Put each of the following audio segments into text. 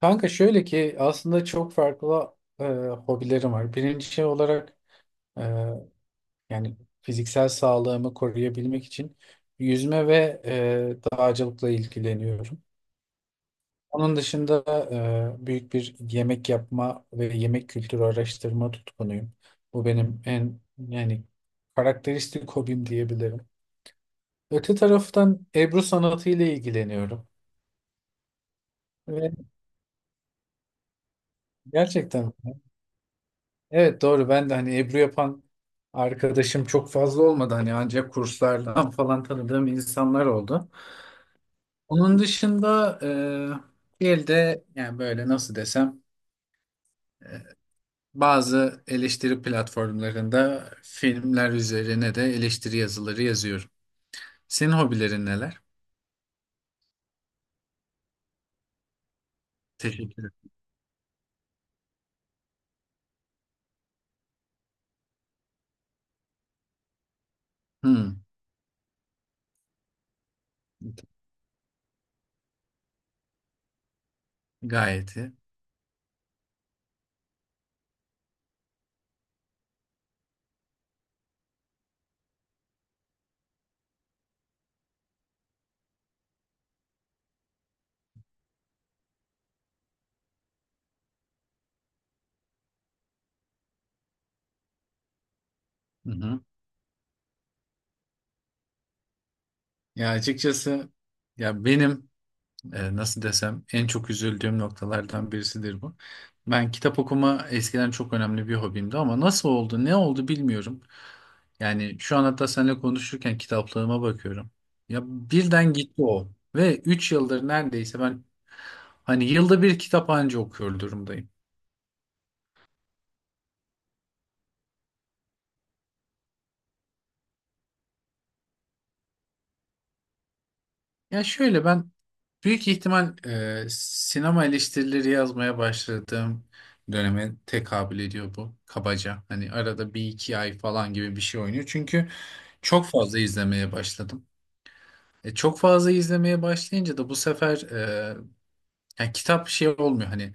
Kanka şöyle ki aslında çok farklı e, hobilerim var. Birinci şey olarak e, yani fiziksel sağlığımı koruyabilmek için yüzme ve dağcılıkla ilgileniyorum. Onun dışında büyük bir yemek yapma ve yemek kültürü araştırma tutkunuyum. Bu benim en yani karakteristik hobim diyebilirim. Öte taraftan Ebru sanatı ile ilgileniyorum. Ve gerçekten evet, doğru, ben de hani Ebru yapan arkadaşım çok fazla olmadı hani, ancak kurslardan falan tanıdığım insanlar oldu. Onun dışında bir elde yani böyle nasıl desem, bazı eleştiri platformlarında filmler üzerine de eleştiri yazıları yazıyorum. Senin hobilerin neler? Teşekkür ederim. Hmm, gayet iyi. Hı hı. Ya açıkçası ya benim nasıl desem en çok üzüldüğüm noktalardan birisidir bu. Ben kitap okuma eskiden çok önemli bir hobimdi, ama nasıl oldu, ne oldu bilmiyorum. Yani şu an hatta seninle konuşurken kitaplığıma bakıyorum. Ya birden gitti o ve 3 yıldır neredeyse ben hani yılda bir kitap anca okuyor durumdayım. Ya şöyle, ben büyük ihtimal sinema eleştirileri yazmaya başladığım döneme tekabül ediyor bu kabaca. Hani arada bir iki ay falan gibi bir şey oynuyor. Çünkü çok fazla izlemeye başladım. Çok fazla izlemeye başlayınca da bu sefer yani kitap şey olmuyor hani,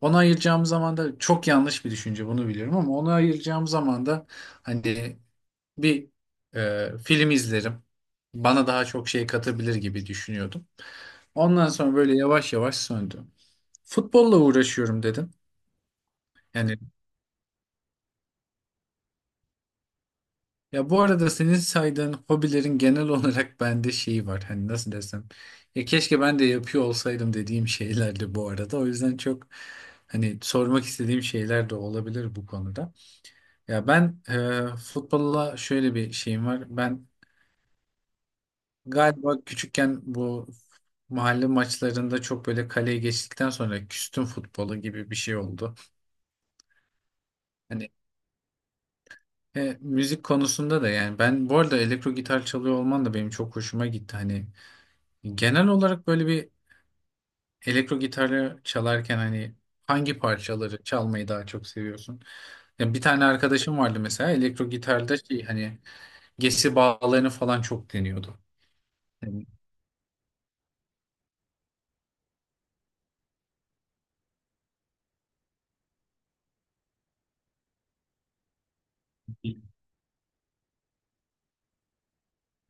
ona ayıracağım zaman da, çok yanlış bir düşünce bunu biliyorum ama, ona ayıracağım zaman da hani bir film izlerim. Bana daha çok şey katabilir gibi düşünüyordum. Ondan sonra böyle yavaş yavaş söndü. Futbolla uğraşıyorum dedim. Yani ya bu arada senin saydığın hobilerin genel olarak bende şeyi var. Hani nasıl desem. Ya keşke ben de yapıyor olsaydım dediğim şeylerdi bu arada. O yüzden çok hani sormak istediğim şeyler de olabilir bu konuda. Ya ben futbolla şöyle bir şeyim var. Ben galiba küçükken bu mahalle maçlarında çok böyle kaleye geçtikten sonra küstüm futbolu gibi bir şey oldu. Hani müzik konusunda da, yani ben bu arada elektro gitar çalıyor olman da benim çok hoşuma gitti. Hani genel olarak böyle bir elektro gitarı çalarken hani hangi parçaları çalmayı daha çok seviyorsun? Ya bir tane arkadaşım vardı mesela, elektro gitarda şey hani gesi bağlarını falan çok deniyordu. Yani-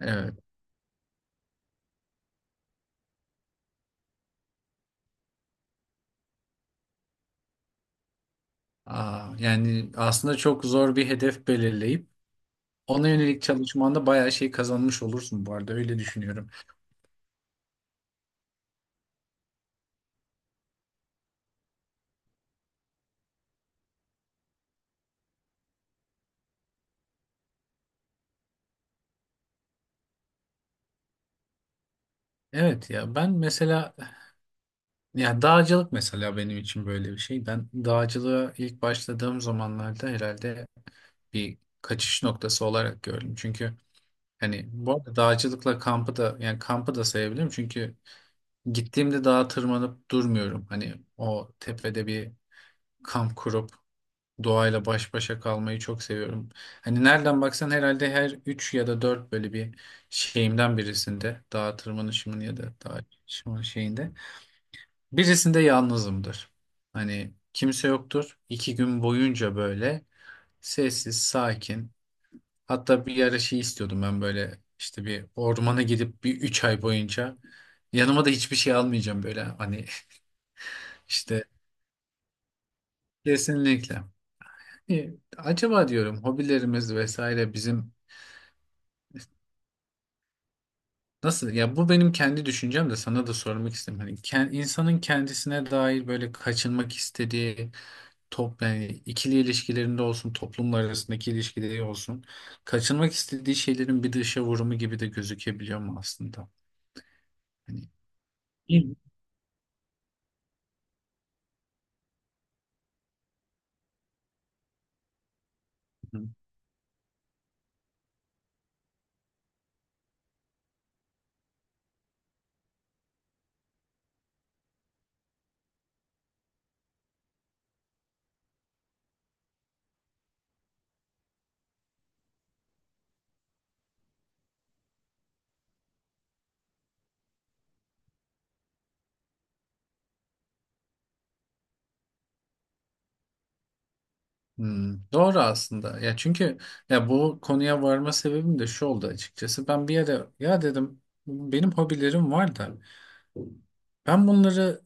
evet. Aa, yani aslında çok zor bir hedef belirleyip ona yönelik çalışmanda bayağı şey kazanmış olursun bu arada, öyle düşünüyorum. Evet, ya ben mesela ya dağcılık mesela benim için böyle bir şey. Ben dağcılığa ilk başladığım zamanlarda herhalde bir kaçış noktası olarak gördüm. Çünkü hani bu arada dağcılıkla kampı da, yani kampı da sayabilirim. Çünkü gittiğimde dağa tırmanıp durmuyorum. Hani o tepede bir kamp kurup doğayla baş başa kalmayı çok seviyorum. Hani nereden baksan herhalde her 3 ya da 4 böyle bir şeyimden birisinde, dağa tırmanışımın ya da dağ çıkışımın şeyinde birisinde yalnızımdır. Hani kimse yoktur. İki gün boyunca böyle sessiz, sakin. Hatta bir ara şey istiyordum ben, böyle işte bir ormana gidip bir 3 ay boyunca yanıma da hiçbir şey almayacağım böyle hani işte kesinlikle. E, Acaba diyorum, hobilerimiz vesaire bizim nasıl, ya bu benim kendi düşüncem, de sana da sormak istedim. Hani insanın kendisine dair böyle kaçınmak istediği yani ikili ilişkilerinde olsun, toplumlar arasındaki ilişkileri olsun, kaçınmak istediği şeylerin bir dışa vurumu gibi de gözükebiliyor mu aslında? Hani hı. Hmm, doğru aslında. Ya çünkü ya bu konuya varma sebebim de şu oldu açıkçası. Ben bir yere ya dedim, benim hobilerim var da ben bunları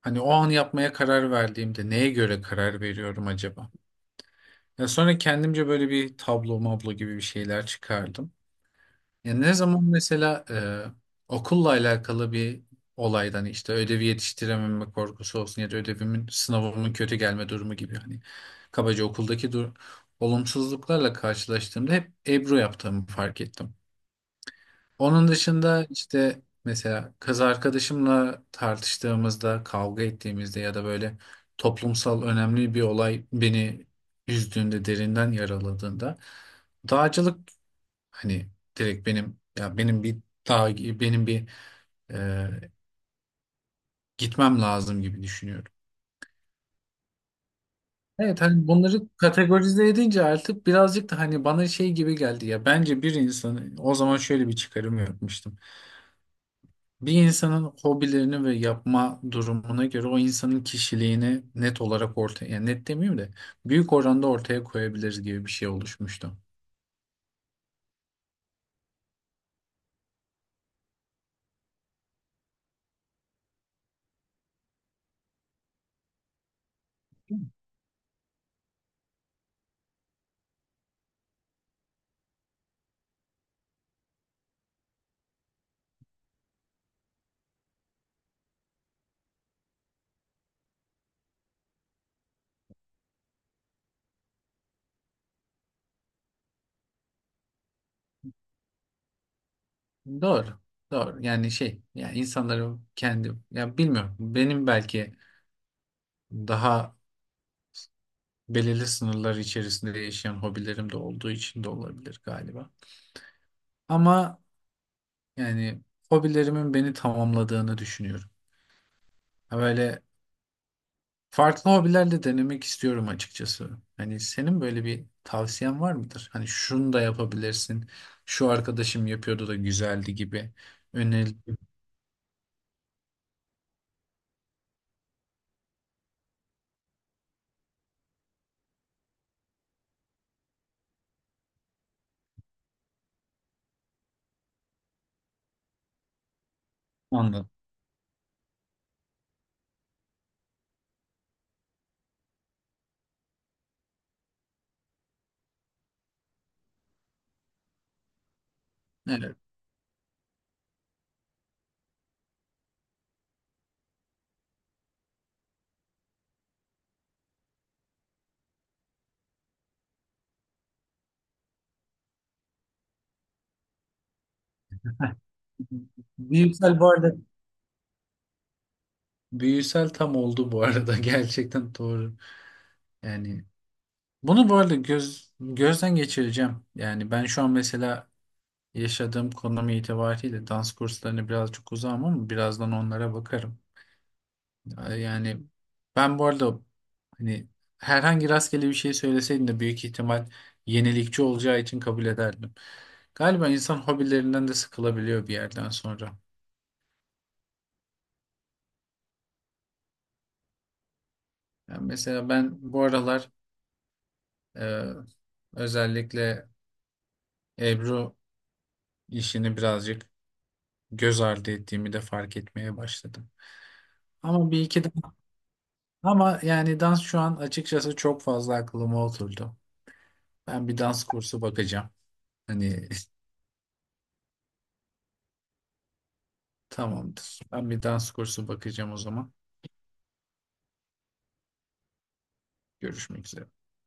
hani o an yapmaya karar verdiğimde neye göre karar veriyorum acaba? Ya sonra kendimce böyle bir tablo mablo gibi bir şeyler çıkardım. Ya ne zaman mesela okulla alakalı bir olaydan, hani işte ödevi yetiştirememe korkusu olsun ya da ödevimin sınavımın kötü gelme durumu gibi, hani kabaca okuldaki olumsuzluklarla karşılaştığımda hep Ebru yaptığımı fark ettim. Onun dışında işte mesela kız arkadaşımla tartıştığımızda, kavga ettiğimizde ya da böyle toplumsal önemli bir olay beni üzdüğünde, derinden yaraladığında, dağcılık. Hani direkt benim, ya benim bir, daha benim bir e, gitmem lazım gibi düşünüyorum. Evet, hani bunları kategorize edince artık birazcık da hani bana şey gibi geldi ya, bence bir insanın, o zaman şöyle bir çıkarım yapmıştım. Bir insanın hobilerini ve yapma durumuna göre o insanın kişiliğini net olarak ortaya, yani net demeyeyim de, büyük oranda ortaya koyabiliriz gibi bir şey oluşmuştu. Doğru. Doğru. Yani şey, yani insanların kendi, ya bilmiyorum, benim belki daha belirli sınırlar içerisinde yaşayan hobilerim de olduğu için de olabilir galiba. Ama yani hobilerimin beni tamamladığını düşünüyorum. Ha, böyle farklı hobilerle denemek istiyorum açıkçası. Hani senin böyle bir tavsiyen var mıdır? Hani şunu da yapabilirsin. Şu arkadaşım yapıyordu da güzeldi gibi. Öneri, anladım. Evet. Büyüsel bu arada. Büyüsel tam oldu bu arada. Gerçekten doğru. Yani bunu bu arada göz, gözden geçireceğim. Yani ben şu an mesela yaşadığım konum itibariyle dans kurslarına birazcık uzağım, ama birazdan onlara bakarım. Yani ben bu arada hani herhangi rastgele bir şey söyleseydin de büyük ihtimal yenilikçi olacağı için kabul ederdim. Galiba insan hobilerinden de sıkılabiliyor bir yerden sonra. Yani mesela ben bu aralar e, özellikle Ebru işini birazcık göz ardı ettiğimi de fark etmeye başladım. Ama bir iki dans. Ama yani dans şu an açıkçası çok fazla aklıma oturdu. Ben bir dans kursu bakacağım. Hani tamamdır. Ben bir dans kursu bakacağım o zaman. Görüşmek üzere.